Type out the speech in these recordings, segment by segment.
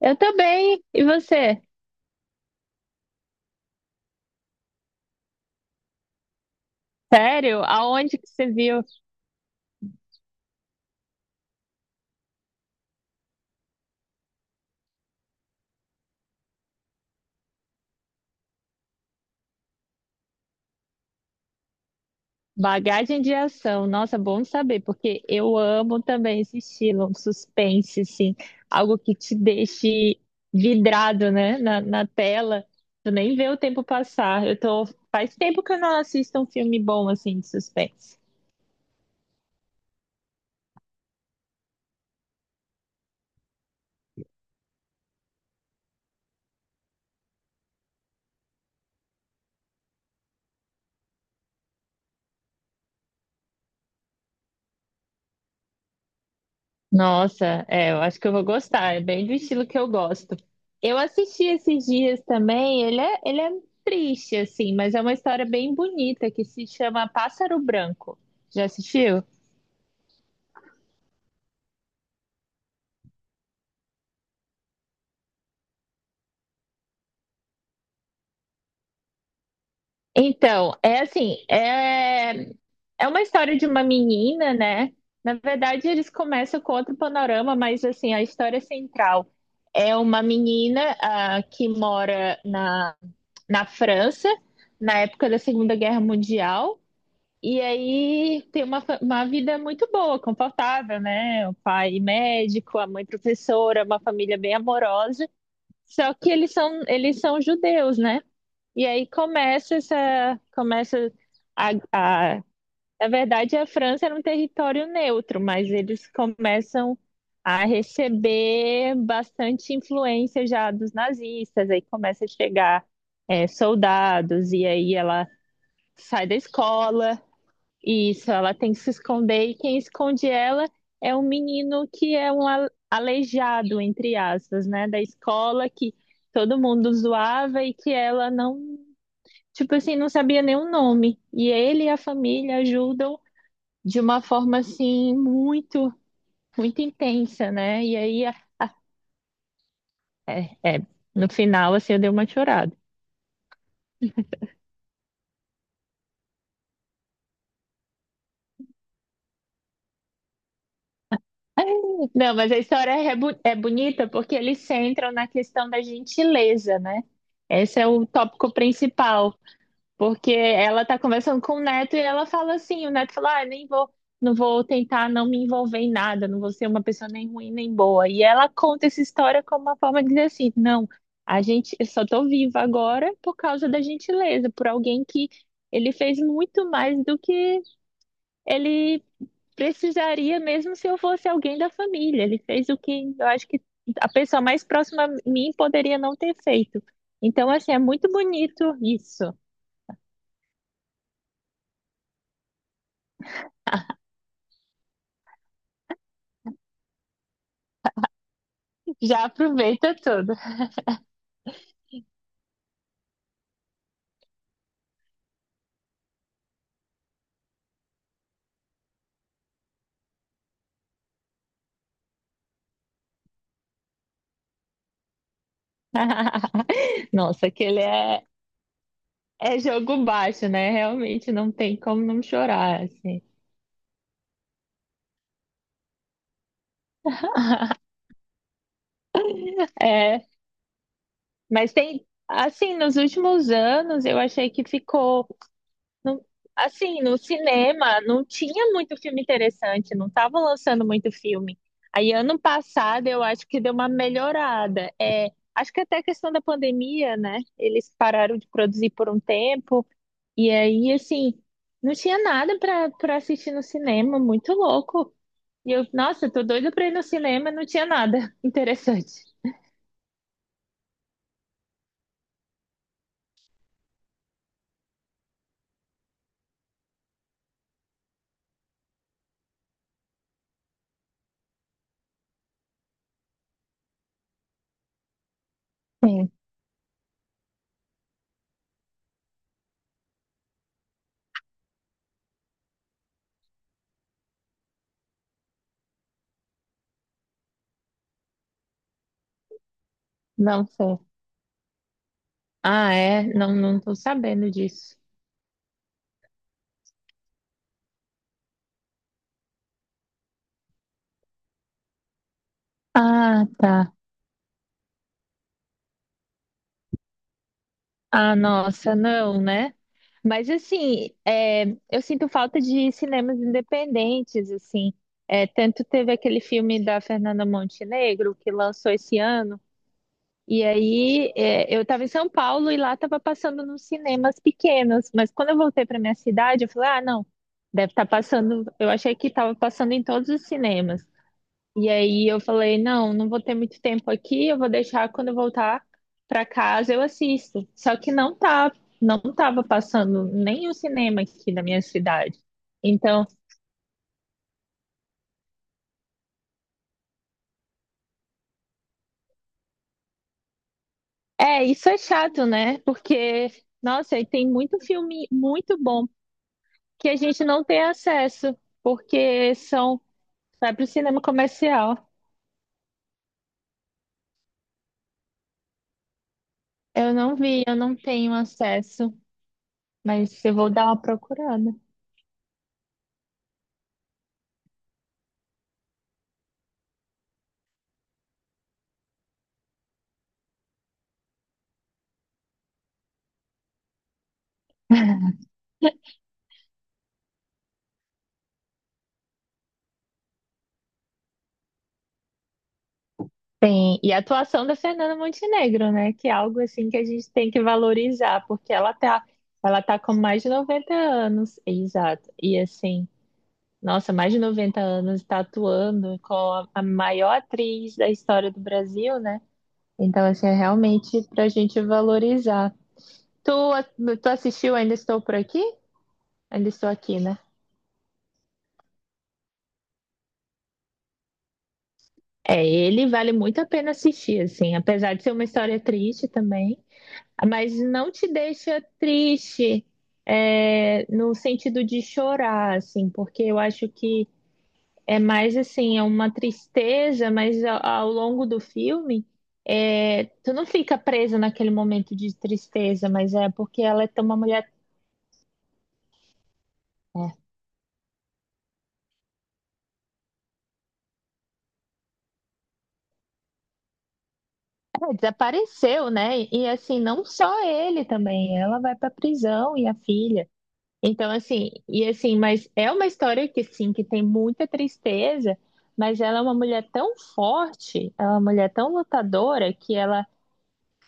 Eu também. E você? Sério? Aonde que você viu? Bagagem de ação. Nossa, bom saber, porque eu amo também esse estilo, um suspense, assim, algo que te deixe vidrado, né, na tela. Tu nem vê o tempo passar. Faz tempo que eu não assisto um filme bom, assim, de suspense. Nossa, é, eu acho que eu vou gostar. É bem do estilo que eu gosto. Eu assisti esses dias também. Ele é triste, assim, mas é uma história bem bonita que se chama Pássaro Branco. Já assistiu? Então, é assim, é uma história de uma menina, né? Na verdade, eles começam com outro panorama, mas assim, a história central é uma menina, ah, que mora na França, na época da Segunda Guerra Mundial. E aí tem uma vida muito boa, confortável, né? O pai médico, a mãe professora, uma família bem amorosa. Só que eles são judeus, né? E aí começa essa, começa a, na verdade a França era um território neutro, mas eles começam a receber bastante influência já dos nazistas. Aí começa a chegar soldados e aí ela sai da escola. Isso, ela tem que se esconder e quem esconde ela é um menino que é um aleijado, entre aspas, né, da escola que todo mundo zoava e que ela não, tipo assim, não sabia nem o nome. E ele e a família ajudam de uma forma assim muito, muito intensa, né? E aí é, é, no final assim eu dei uma chorada. Não, mas a história é bonita porque eles centram na questão da gentileza, né? Esse é o tópico principal. Porque ela tá conversando com o neto e ela fala assim, o neto fala, ah, nem vou, não vou tentar não me envolver em nada, não vou ser uma pessoa nem ruim nem boa. E ela conta essa história como uma forma de dizer assim, não, a gente, eu só tô viva agora por causa da gentileza, por alguém que ele fez muito mais do que ele precisaria mesmo se eu fosse alguém da família. Ele fez o que eu acho que a pessoa mais próxima a mim poderia não ter feito. Então, assim, é muito bonito isso. Já aproveita tudo. Nossa, aquele é jogo baixo, né? Realmente não tem como não chorar, assim. É, mas tem, assim, nos últimos anos eu achei que ficou, não- assim, no cinema não tinha muito filme interessante, não estavam lançando muito filme. Aí ano passado eu acho que deu uma melhorada. É, acho que até a questão da pandemia, né? Eles pararam de produzir por um tempo. E aí, assim, não tinha nada pra assistir no cinema, muito louco. E eu, nossa, eu tô doida pra ir no cinema, não tinha nada interessante. Sim, não sei. Ah, é? Não, não tô sabendo disso. Ah, tá. Ah, nossa, não, né? Mas assim, é, eu sinto falta de cinemas independentes, assim. É, tanto teve aquele filme da Fernanda Montenegro que lançou esse ano. E aí, é, eu estava em São Paulo e lá estava passando nos cinemas pequenos. Mas quando eu voltei para minha cidade, eu falei: ah, não, deve estar passando. Eu achei que estava passando em todos os cinemas. E aí eu falei: não, não vou ter muito tempo aqui, eu vou deixar quando eu voltar para casa eu assisto. Só que não tá, não estava passando nem o cinema aqui na minha cidade. Então, é, isso é chato, né? Porque, nossa, aí tem muito filme muito bom que a gente não tem acesso, porque são, vai para o cinema comercial. Eu não vi, eu não tenho acesso, mas eu vou dar uma procurada. Tem, e a atuação da Fernanda Montenegro, né? Que é algo assim que a gente tem que valorizar, porque ela tá com mais de 90 anos, exato. E assim, nossa, mais de 90 anos tá atuando com a maior atriz da história do Brasil, né? Então, assim, é realmente pra gente valorizar. Tu, tu assistiu Ainda Estou Por Aqui? Ainda Estou Aqui, né? É, ele vale muito a pena assistir, assim, apesar de ser uma história triste também, mas não te deixa triste, é, no sentido de chorar, assim, porque eu acho que é mais assim, é uma tristeza, mas ao longo do filme, é, tu não fica presa naquele momento de tristeza, mas é porque ela é uma mulher. É, desapareceu, né? E assim, não só ele também, ela vai pra prisão e a filha. Então, assim, e assim, mas é uma história que sim, que tem muita tristeza, mas ela é uma mulher tão forte, ela é uma mulher tão lutadora que ela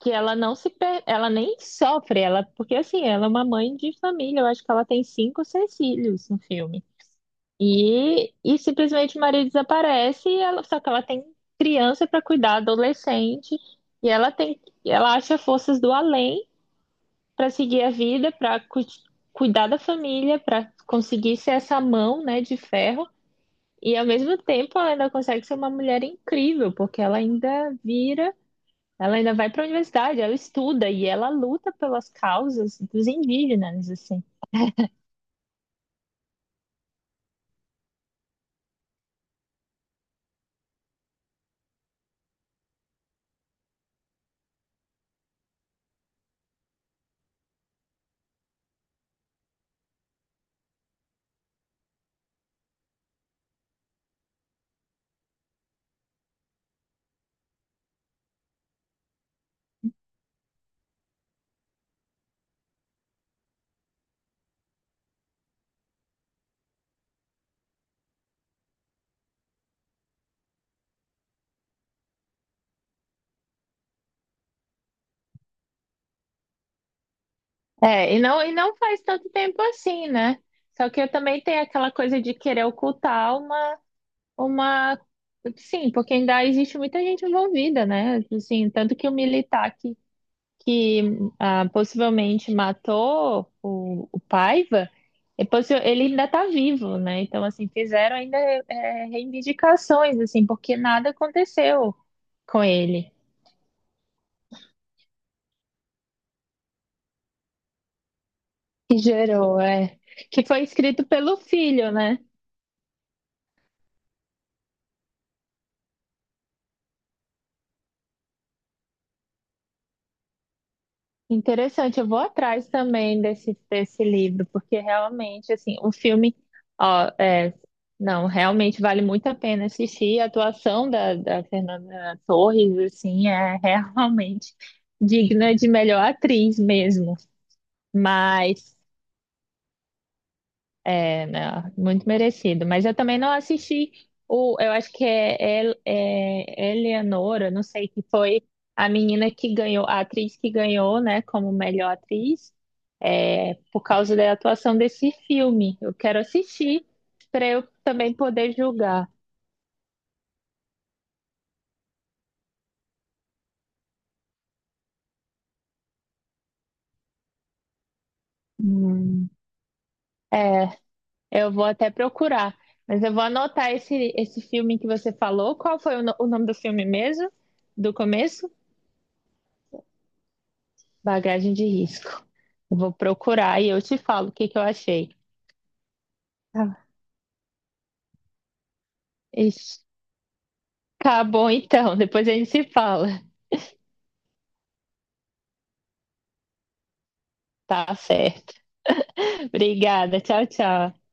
não se per- ela nem sofre, ela porque assim, ela é uma mãe de família, eu acho que ela tem cinco ou seis filhos no filme. E simplesmente Maria desaparece e ela, só que ela tem criança para cuidar, adolescente, e ela tem, ela acha forças do além para seguir a vida, para cuidar da família, para conseguir ser essa mão, né, de ferro. E ao mesmo tempo ela ainda consegue ser uma mulher incrível, porque ela ainda vira, ela ainda vai para a universidade, ela estuda e ela luta pelas causas dos indígenas, assim. É, e não faz tanto tempo assim, né? Só que eu também tenho aquela coisa de querer ocultar uma, uma. Sim, porque ainda existe muita gente envolvida, né? Assim, tanto que o militar que ah, possivelmente matou o Paiva, ele ainda está vivo, né? Então, assim, fizeram ainda reivindicações, assim, porque nada aconteceu com ele. Que gerou, é. Que foi escrito pelo filho, né? Interessante, eu vou atrás também desse, livro, porque realmente, assim, o filme, ó, é, não, realmente vale muito a pena assistir. A atuação da Fernanda Torres, assim, é realmente digna de melhor atriz mesmo. Mas é, não, muito merecido. Mas eu também não assisti o. Eu acho que é Eleanora, não sei, que foi a menina que ganhou, a atriz que ganhou, né, como melhor atriz, é, por causa da atuação desse filme. Eu quero assistir para eu também poder julgar. Hum, é, eu vou até procurar. Mas eu vou anotar esse, filme que você falou. Qual foi o, no- o nome do filme mesmo? Do começo? Bagagem de risco. Eu vou procurar e eu te falo o que que eu achei. Tá. Ixi. Tá bom, então. Depois a gente se fala. Tá certo. Obrigada. Tchau, tchau.